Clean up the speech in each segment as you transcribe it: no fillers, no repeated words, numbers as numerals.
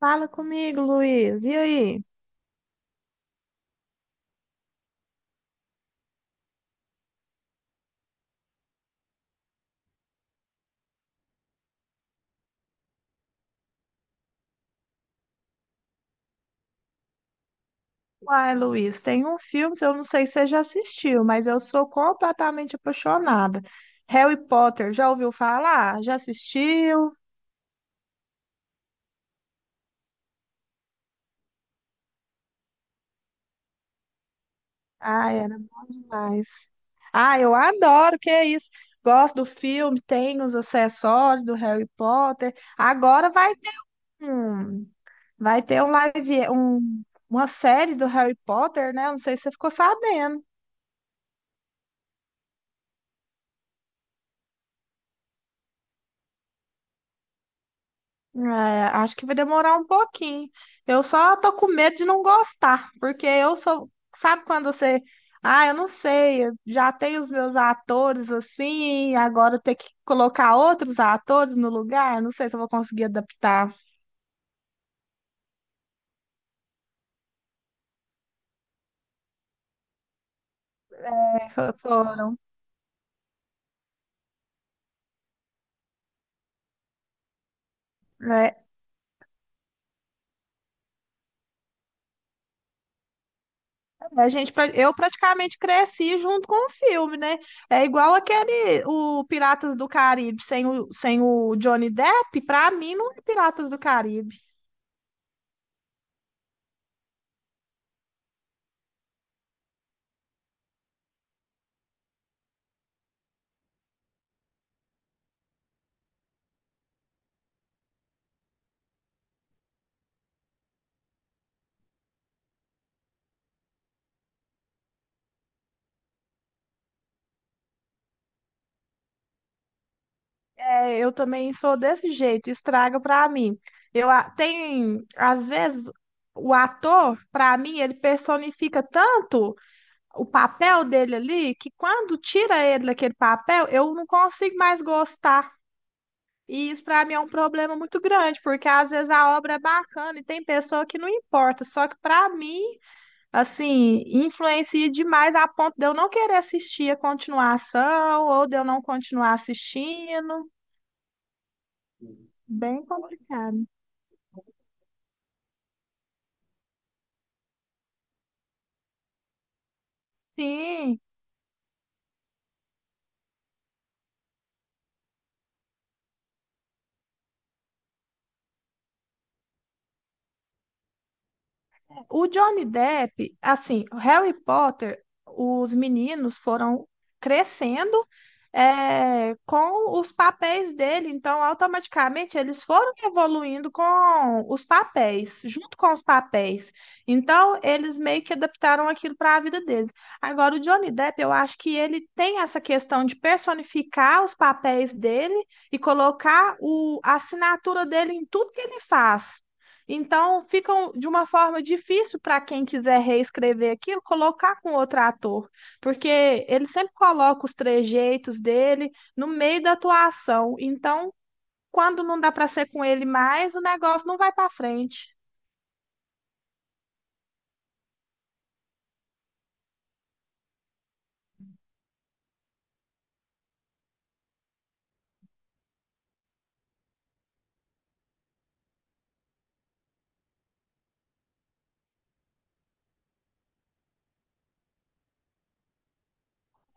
Fala comigo, Luiz. E aí? Uai, Luiz, tem um filme, eu não sei se você já assistiu, mas eu sou completamente apaixonada. Harry Potter, já ouviu falar? Já assistiu? Ah, era bom demais. Ah, eu adoro, que é isso. Gosto do filme, tem os acessórios do Harry Potter. Agora um, vai ter um live, uma série do Harry Potter, né? Não sei se você ficou sabendo. É, acho que vai demorar um pouquinho. Eu só tô com medo de não gostar, porque eu sou. Sabe quando você. Ah, eu não sei, eu já tenho os meus atores assim, agora ter que colocar outros atores no lugar, não sei se eu vou conseguir adaptar. É, Foram. É, a gente, eu praticamente cresci junto com o filme, né? É igual aquele, o Piratas do Caribe, sem o Johnny Depp, pra mim não é Piratas do Caribe. É, eu também sou desse jeito, estraga pra mim. Tem, às vezes, o ator, pra mim, ele personifica tanto o papel dele ali que quando tira ele daquele papel, eu não consigo mais gostar. E isso pra mim é um problema muito grande, porque às vezes a obra é bacana e tem pessoa que não importa, só que pra mim, assim, influencia demais a ponto de eu não querer assistir a continuação ou de eu não continuar assistindo. Bem complicado. Sim, o Johnny Depp, assim, o Harry Potter, os meninos foram crescendo, com os papéis dele, então automaticamente eles foram evoluindo com os papéis, junto com os papéis. Então eles meio que adaptaram aquilo para a vida deles. Agora, o Johnny Depp, eu acho que ele tem essa questão de personificar os papéis dele e colocar a assinatura dele em tudo que ele faz. Então, fica de uma forma difícil para quem quiser reescrever aquilo, colocar com outro ator, porque ele sempre coloca os trejeitos dele no meio da atuação. Então, quando não dá para ser com ele mais, o negócio não vai para frente.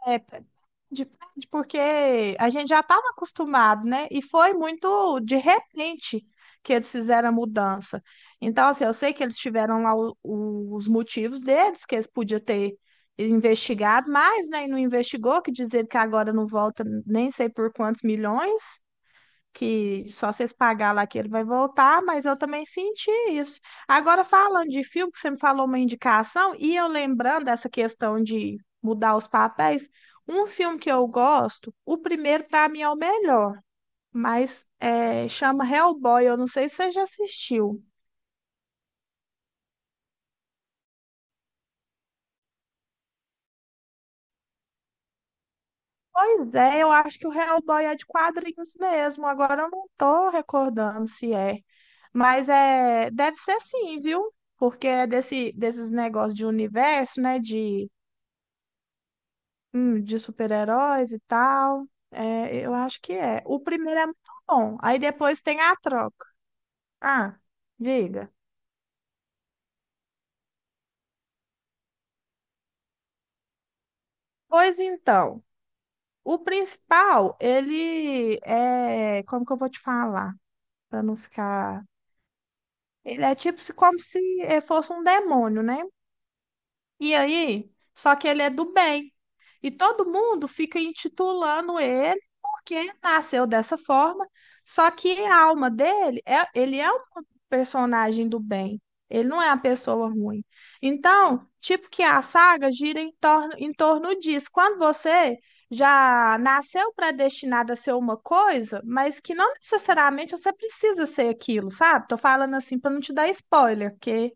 É, depende, porque a gente já estava acostumado, né? E foi muito de repente que eles fizeram a mudança. Então, assim, eu sei que eles tiveram lá os motivos deles, que eles podiam ter investigado, mas né? E não investigou, que dizer que agora não volta nem sei por quantos milhões que só vocês pagar lá que ele vai voltar, mas eu também senti isso. Agora, falando de filme, que você me falou uma indicação, e eu lembrando dessa questão de mudar os papéis, um filme que eu gosto, o primeiro para mim é o melhor, mas é, chama Hellboy, eu não sei se você já assistiu. Pois é, eu acho que o Hellboy é de quadrinhos mesmo, agora eu não tô recordando se é. Mas é, deve ser sim, viu? Porque é desses negócios de universo, né? De hum, de super-heróis e tal. É, eu acho que é. O primeiro é muito bom. Aí depois tem a troca. Ah, diga. Pois então, o principal, ele é. Como que eu vou te falar? Pra não ficar. Ele é como se fosse um demônio, né? E aí, só que ele é do bem. E todo mundo fica intitulando ele porque nasceu dessa forma, só que a alma dele é, ele é um personagem do bem. Ele não é uma pessoa ruim. Então, tipo que a saga gira em torno disso. Quando você já nasceu predestinado a ser uma coisa, mas que não necessariamente você precisa ser aquilo, sabe? Tô falando assim para não te dar spoiler, porque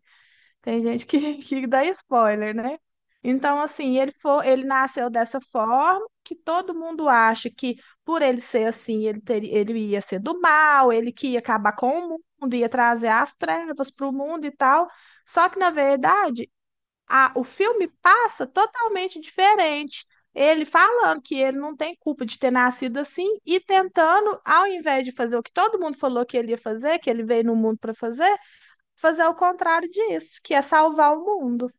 tem gente que, que dá spoiler, né? Então, assim, ele foi, ele nasceu dessa forma que todo mundo acha que por ele ser assim, ele teria, ele ia ser do mal, ele que ia acabar com o mundo, ia trazer as trevas para o mundo e tal. Só que, na verdade, o filme passa totalmente diferente. Ele falando que ele não tem culpa de ter nascido assim e tentando, ao invés de fazer o que todo mundo falou que ele ia fazer, que ele veio no mundo para fazer, fazer o contrário disso, que é salvar o mundo.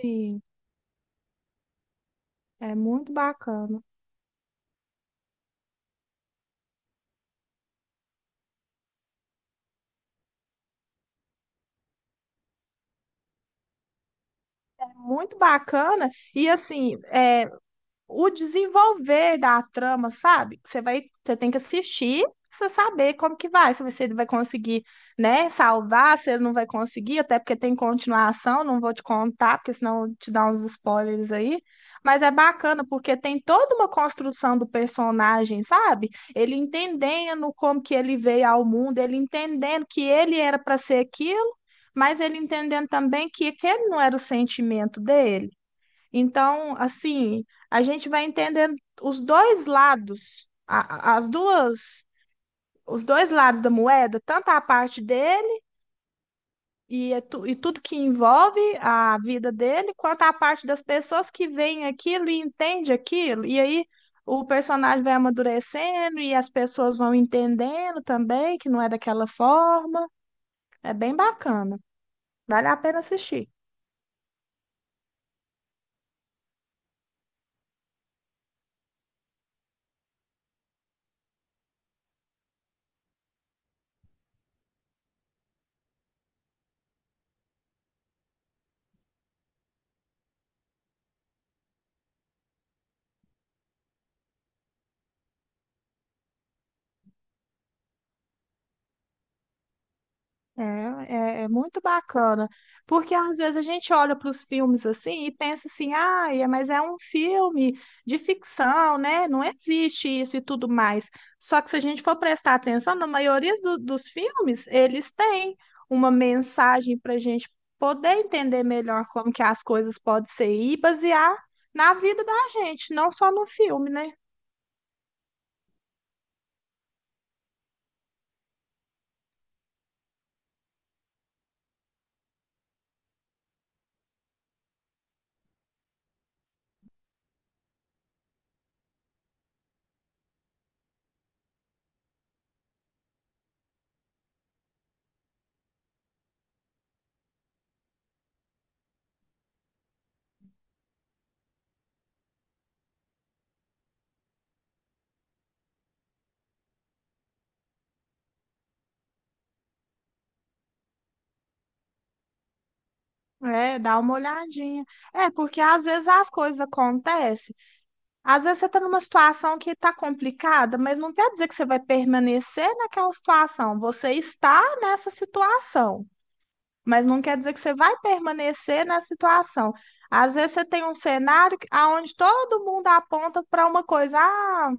Sim, é muito bacana. É muito bacana. E assim, é, o desenvolver da trama, sabe? Você vai, você tem que assistir, pra você saber como que vai, se você vai conseguir, né, salvar, se ele não vai conseguir, até porque tem continuação, não vou te contar, porque senão eu te dá uns spoilers aí. Mas é bacana porque tem toda uma construção do personagem, sabe? Ele entendendo como que ele veio ao mundo, ele entendendo que ele era para ser aquilo, mas ele entendendo também que aquele não era o sentimento dele. Então, assim, a gente vai entendendo os dois lados, os dois lados da moeda, tanto a parte dele e, e tudo que envolve a vida dele, quanto a parte das pessoas que veem aquilo e entende aquilo. E aí o personagem vai amadurecendo e as pessoas vão entendendo também que não é daquela forma. É bem bacana. Vale a pena assistir. É, é muito bacana, porque às vezes a gente olha para os filmes assim e pensa assim, ah, mas é um filme de ficção, né? Não existe isso e tudo mais. Só que se a gente for prestar atenção, na maioria dos filmes, eles têm uma mensagem para a gente poder entender melhor como que as coisas podem ser e basear na vida da gente, não só no filme, né? É, dá uma olhadinha. É, porque às vezes as coisas acontecem. Às vezes você está numa situação que está complicada, mas não quer dizer que você vai permanecer naquela situação. Você está nessa situação, mas não quer dizer que você vai permanecer na situação. Às vezes você tem um cenário onde todo mundo aponta para uma coisa, ah,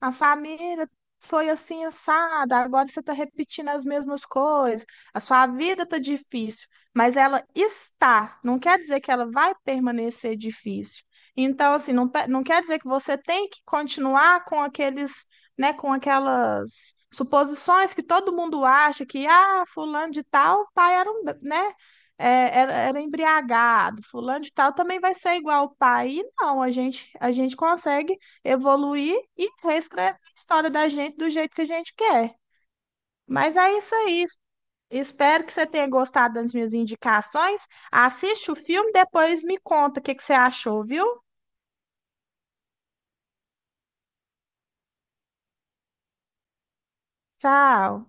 a família foi assim assada, agora você está repetindo as mesmas coisas, a sua vida está difícil, mas ela está, não quer dizer que ela vai permanecer difícil. Então, assim, não, não quer dizer que você tem que continuar com aqueles, né, com aquelas suposições que todo mundo acha que, ah, fulano de tal, pai era um, né, era embriagado, fulano de tal também vai ser igual o pai. E não, a gente consegue evoluir e reescrever a história da gente do jeito que a gente quer. Mas é isso aí. Espero que você tenha gostado das minhas indicações. Assiste o filme, depois me conta o que que você achou, viu? Tchau.